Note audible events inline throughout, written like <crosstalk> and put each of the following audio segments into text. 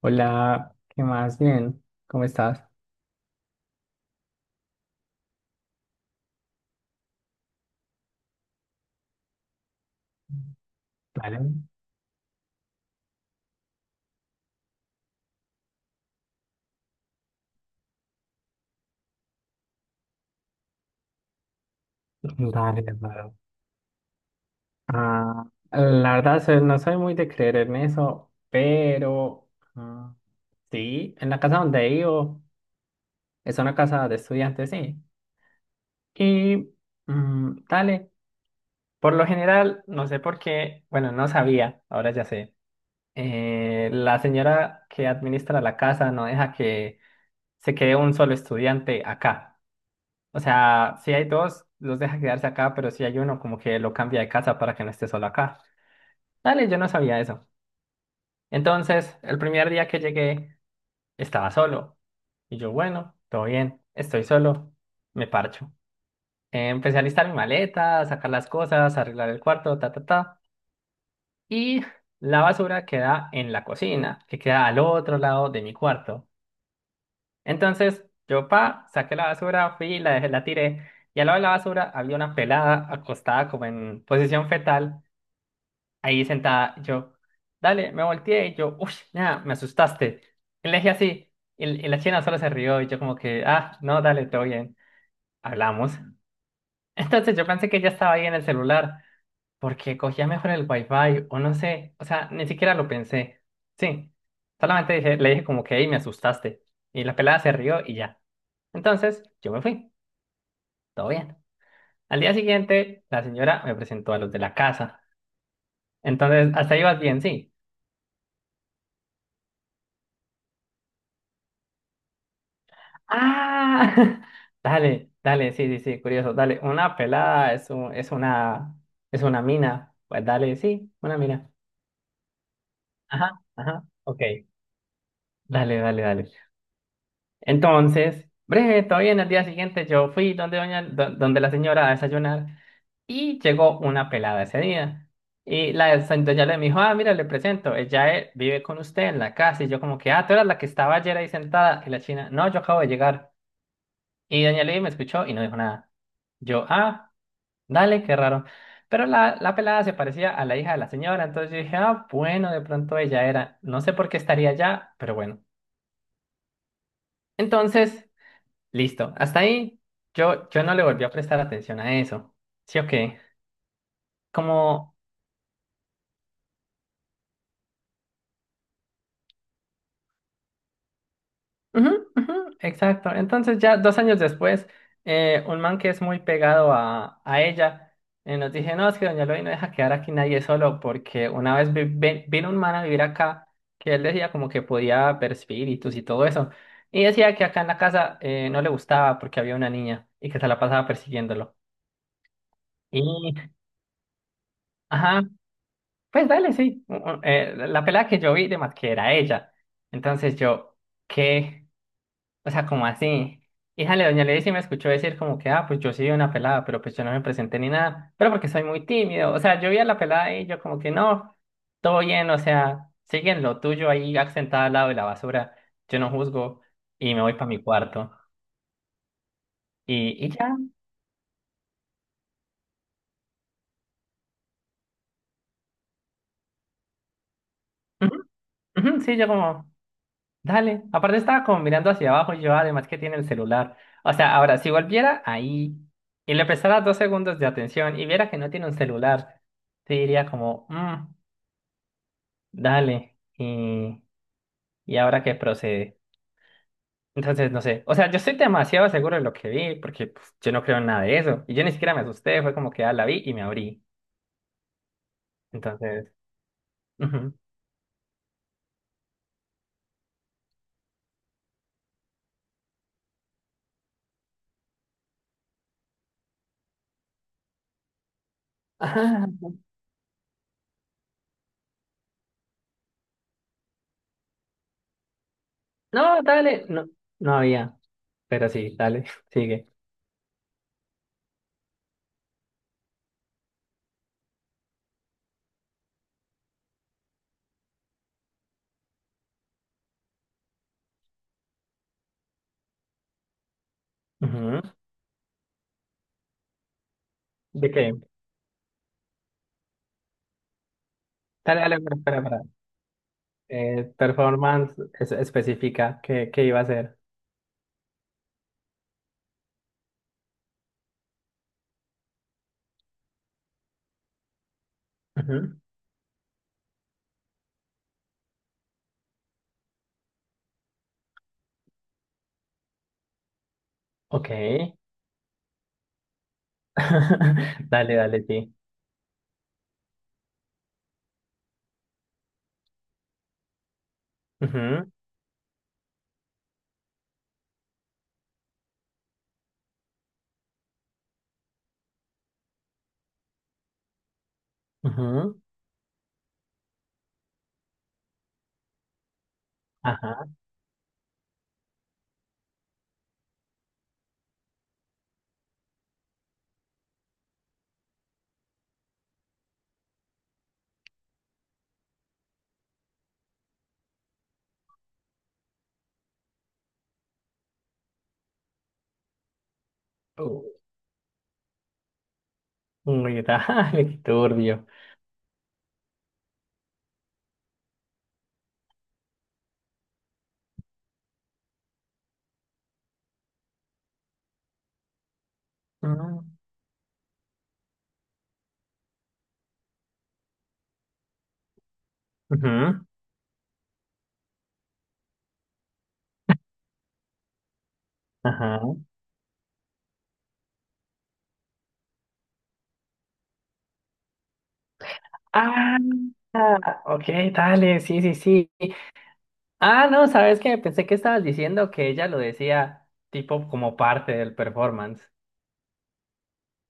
Hola, ¿qué más? Bien, ¿cómo estás? Vale, dale, hermano. Ah, la verdad, no soy muy de creer en eso, pero ah, sí, en la casa donde vivo es una casa de estudiantes, sí. Y dale, por lo general, no sé por qué, bueno, no sabía, ahora ya sé. La señora que administra la casa no deja que se quede un solo estudiante acá. O sea, si hay dos, los deja quedarse acá, pero si hay uno, como que lo cambia de casa para que no esté solo acá. Dale, yo no sabía eso. Entonces, el primer día que llegué, estaba solo. Y yo, bueno, todo bien, estoy solo, me parcho. Empecé a listar mi maleta, a sacar las cosas, a arreglar el cuarto, ta, ta, ta. Y la basura queda en la cocina, que queda al otro lado de mi cuarto. Entonces, yo saqué la basura, fui, la dejé, la tiré. Y al lado de la basura había una pelada acostada como en posición fetal, ahí sentada. Yo, dale, me volteé y yo, uff, nada, me asustaste. Y le dije así. Y la china solo se rió y yo como que, ah, no, dale, todo bien. Hablamos. Entonces yo pensé que ya estaba ahí en el celular, porque cogía mejor el wifi, o no sé, o sea, ni siquiera lo pensé. Sí, solamente le dije como que, hey, me asustaste. Y la pelada se rió y ya. Entonces yo me fui, todo bien. Al día siguiente, la señora me presentó a los de la casa. Entonces, hasta ahí vas bien, sí. Ah, <laughs> dale, dale, sí, sí, sí, curioso, dale. Una pelada es, es una mina. Pues dale, sí, una mina. Ajá, ajá, ok. Dale, dale, dale. Entonces, breve, todo bien. El día siguiente yo fui donde, doña, donde la señora a desayunar y llegó una pelada ese día. Y la doña le dijo, ah, mira, le presento, ella vive con usted en la casa. Y yo como que, ah, tú eras la que estaba ayer ahí sentada. Y la china, no, yo acabo de llegar. Y doña Levi me escuchó y no dijo nada. Yo, ah, dale, qué raro. Pero la pelada se parecía a la hija de la señora, entonces yo dije, ah, bueno, de pronto ella era, no sé por qué estaría allá, pero bueno. Entonces. Listo. Hasta ahí yo, yo no le volví a prestar atención a eso. ¿Sí o qué? Como. Ujú, ujú, exacto. Entonces ya 2 años después, un man que es muy pegado a ella, nos dije, no, es que doña Loli no deja quedar aquí nadie solo porque una vez vino un man a vivir acá que él decía como que podía ver espíritus y todo eso. Y decía que acá en la casa no le gustaba porque había una niña y que se la pasaba persiguiéndolo. Y, ajá, pues dale, sí. La pelada que yo vi, demás que era ella. Entonces yo, ¿qué? O sea, ¿como así? Híjale, doña Lady sí me escuchó decir como que, ah, pues yo sí vi una pelada, pero pues yo no me presenté ni nada, pero porque soy muy tímido. O sea, yo vi a la pelada y yo como que no, todo bien, o sea, siguen lo tuyo ahí sentada al lado de la basura, yo no juzgo y me voy para mi cuarto. Y ya. Ujú, ujú, sí, yo como. Dale, aparte estaba como mirando hacia abajo y yo además que tiene el celular. O sea, ahora, si volviera ahí y le prestara 2 segundos de atención y viera que no tiene un celular, te diría como, "Mm, dale, y ahora qué procede". Entonces, no sé, o sea, yo estoy demasiado seguro de lo que vi porque pues, yo no creo en nada de eso. Y yo ni siquiera me asusté, fue como que ah, la vi y me abrí. Entonces, ujú. Ah, no, dale, no, no había, pero sí, dale, <laughs> sigue. Ujú. ¿De qué? Dale, dale, espera, espera, espera. Performance específica que, iba a hacer. Ujú. Ok. <laughs> Dale, dale, sí. Ujú, ujú, ajá. Uh, Uy, <laughs> dale, qué turbio. Mm, ujú, ajá. Ah, ah, ok, dale, sí, sí, sí. Ah, no, ¿sabes qué? Pensé que estabas diciendo que ella lo decía tipo como parte del performance.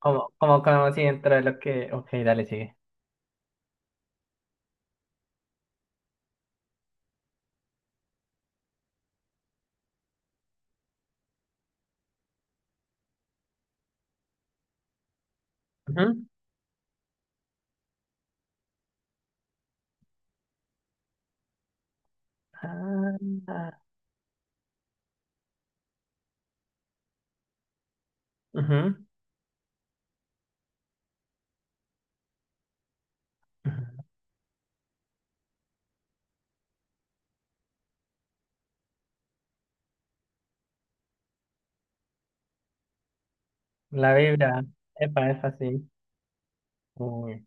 Como si dentro de lo que. Ok, dale, sigue. Ujú. Ah, ujú, ujú. La Biblia, epa, es así. Uy.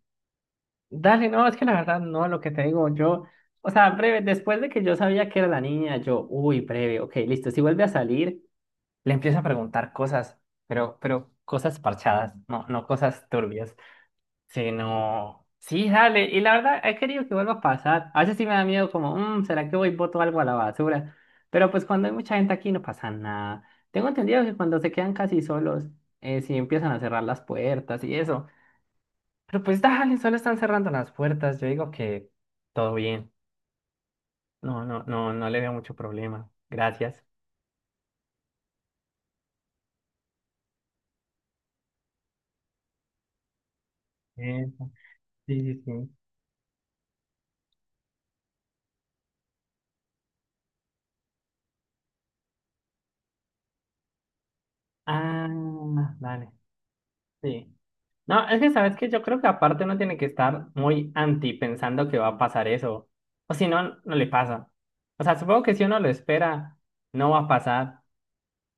Dale, no, es que la verdad no, lo que te digo, yo, o sea, breve, después de que yo sabía que era la niña, yo, uy, breve, ok, listo, si vuelve a salir, le empiezo a preguntar cosas, pero cosas parchadas, no, no cosas turbias, sino, sí, dale, y la verdad he querido que vuelva a pasar, a veces sí me da miedo como, "Mm, ¿será que voy y boto algo a la basura?" Pero pues cuando hay mucha gente aquí no pasa nada. Tengo entendido que cuando se quedan casi solos, sí empiezan a cerrar las puertas y eso. Pero pues dale, solo están cerrando las puertas. Yo digo que todo bien. No, no, no, no le veo mucho problema. Gracias. Eso, sí, sí, sí. Ah, dale. Sí. No, es que sabes que yo creo que aparte uno tiene que estar muy anti pensando que va a pasar eso. O si no, no le pasa. O sea, supongo que si uno lo espera, no va a pasar.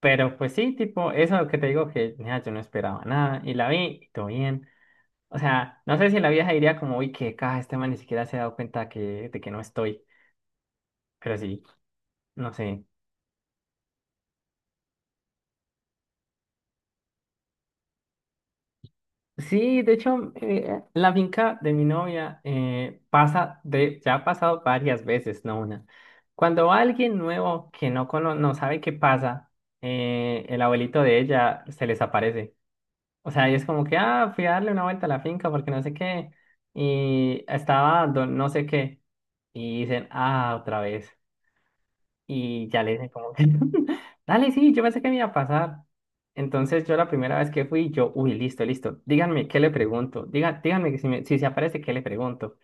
Pero pues sí, tipo, eso que te digo que, mira, yo no esperaba nada y la vi y todo bien. O sea, no sé si en la vieja diría como, uy, qué caja, este man ni siquiera se ha dado cuenta que, de que no estoy. Pero sí, no sé. Sí, de hecho, la finca de mi novia pasa de, ya ha pasado varias veces, no una. Cuando va alguien nuevo que no, no sabe qué pasa, el abuelito de ella se les aparece. O sea, y es como que, ah, fui a darle una vuelta a la finca porque no sé qué. Y estaba, no sé qué. Y dicen, ah, otra vez. Y ya le dije como que, <laughs> dale, sí, yo pensé que me iba a pasar. Entonces yo la primera vez que fui, yo, uy, listo, listo, díganme qué le pregunto, díganme que si, si se aparece, qué le pregunto.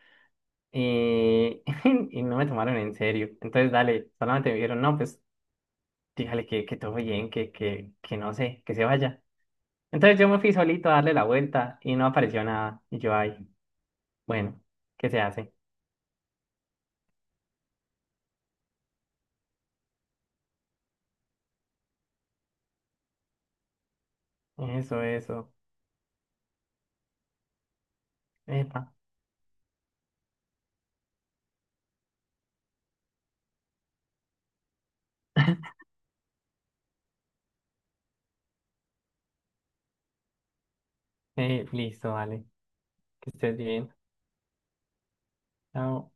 Eh, <laughs> y no me tomaron en serio. Entonces, dale, solamente me dijeron, no, pues dígale que, todo bien, que no sé, que se vaya. Entonces yo me fui solito a darle la vuelta y no apareció nada. Y yo, ay, bueno, ¿qué se hace? Eso, eso. Epa, listo, dale, que estés bien. Chao.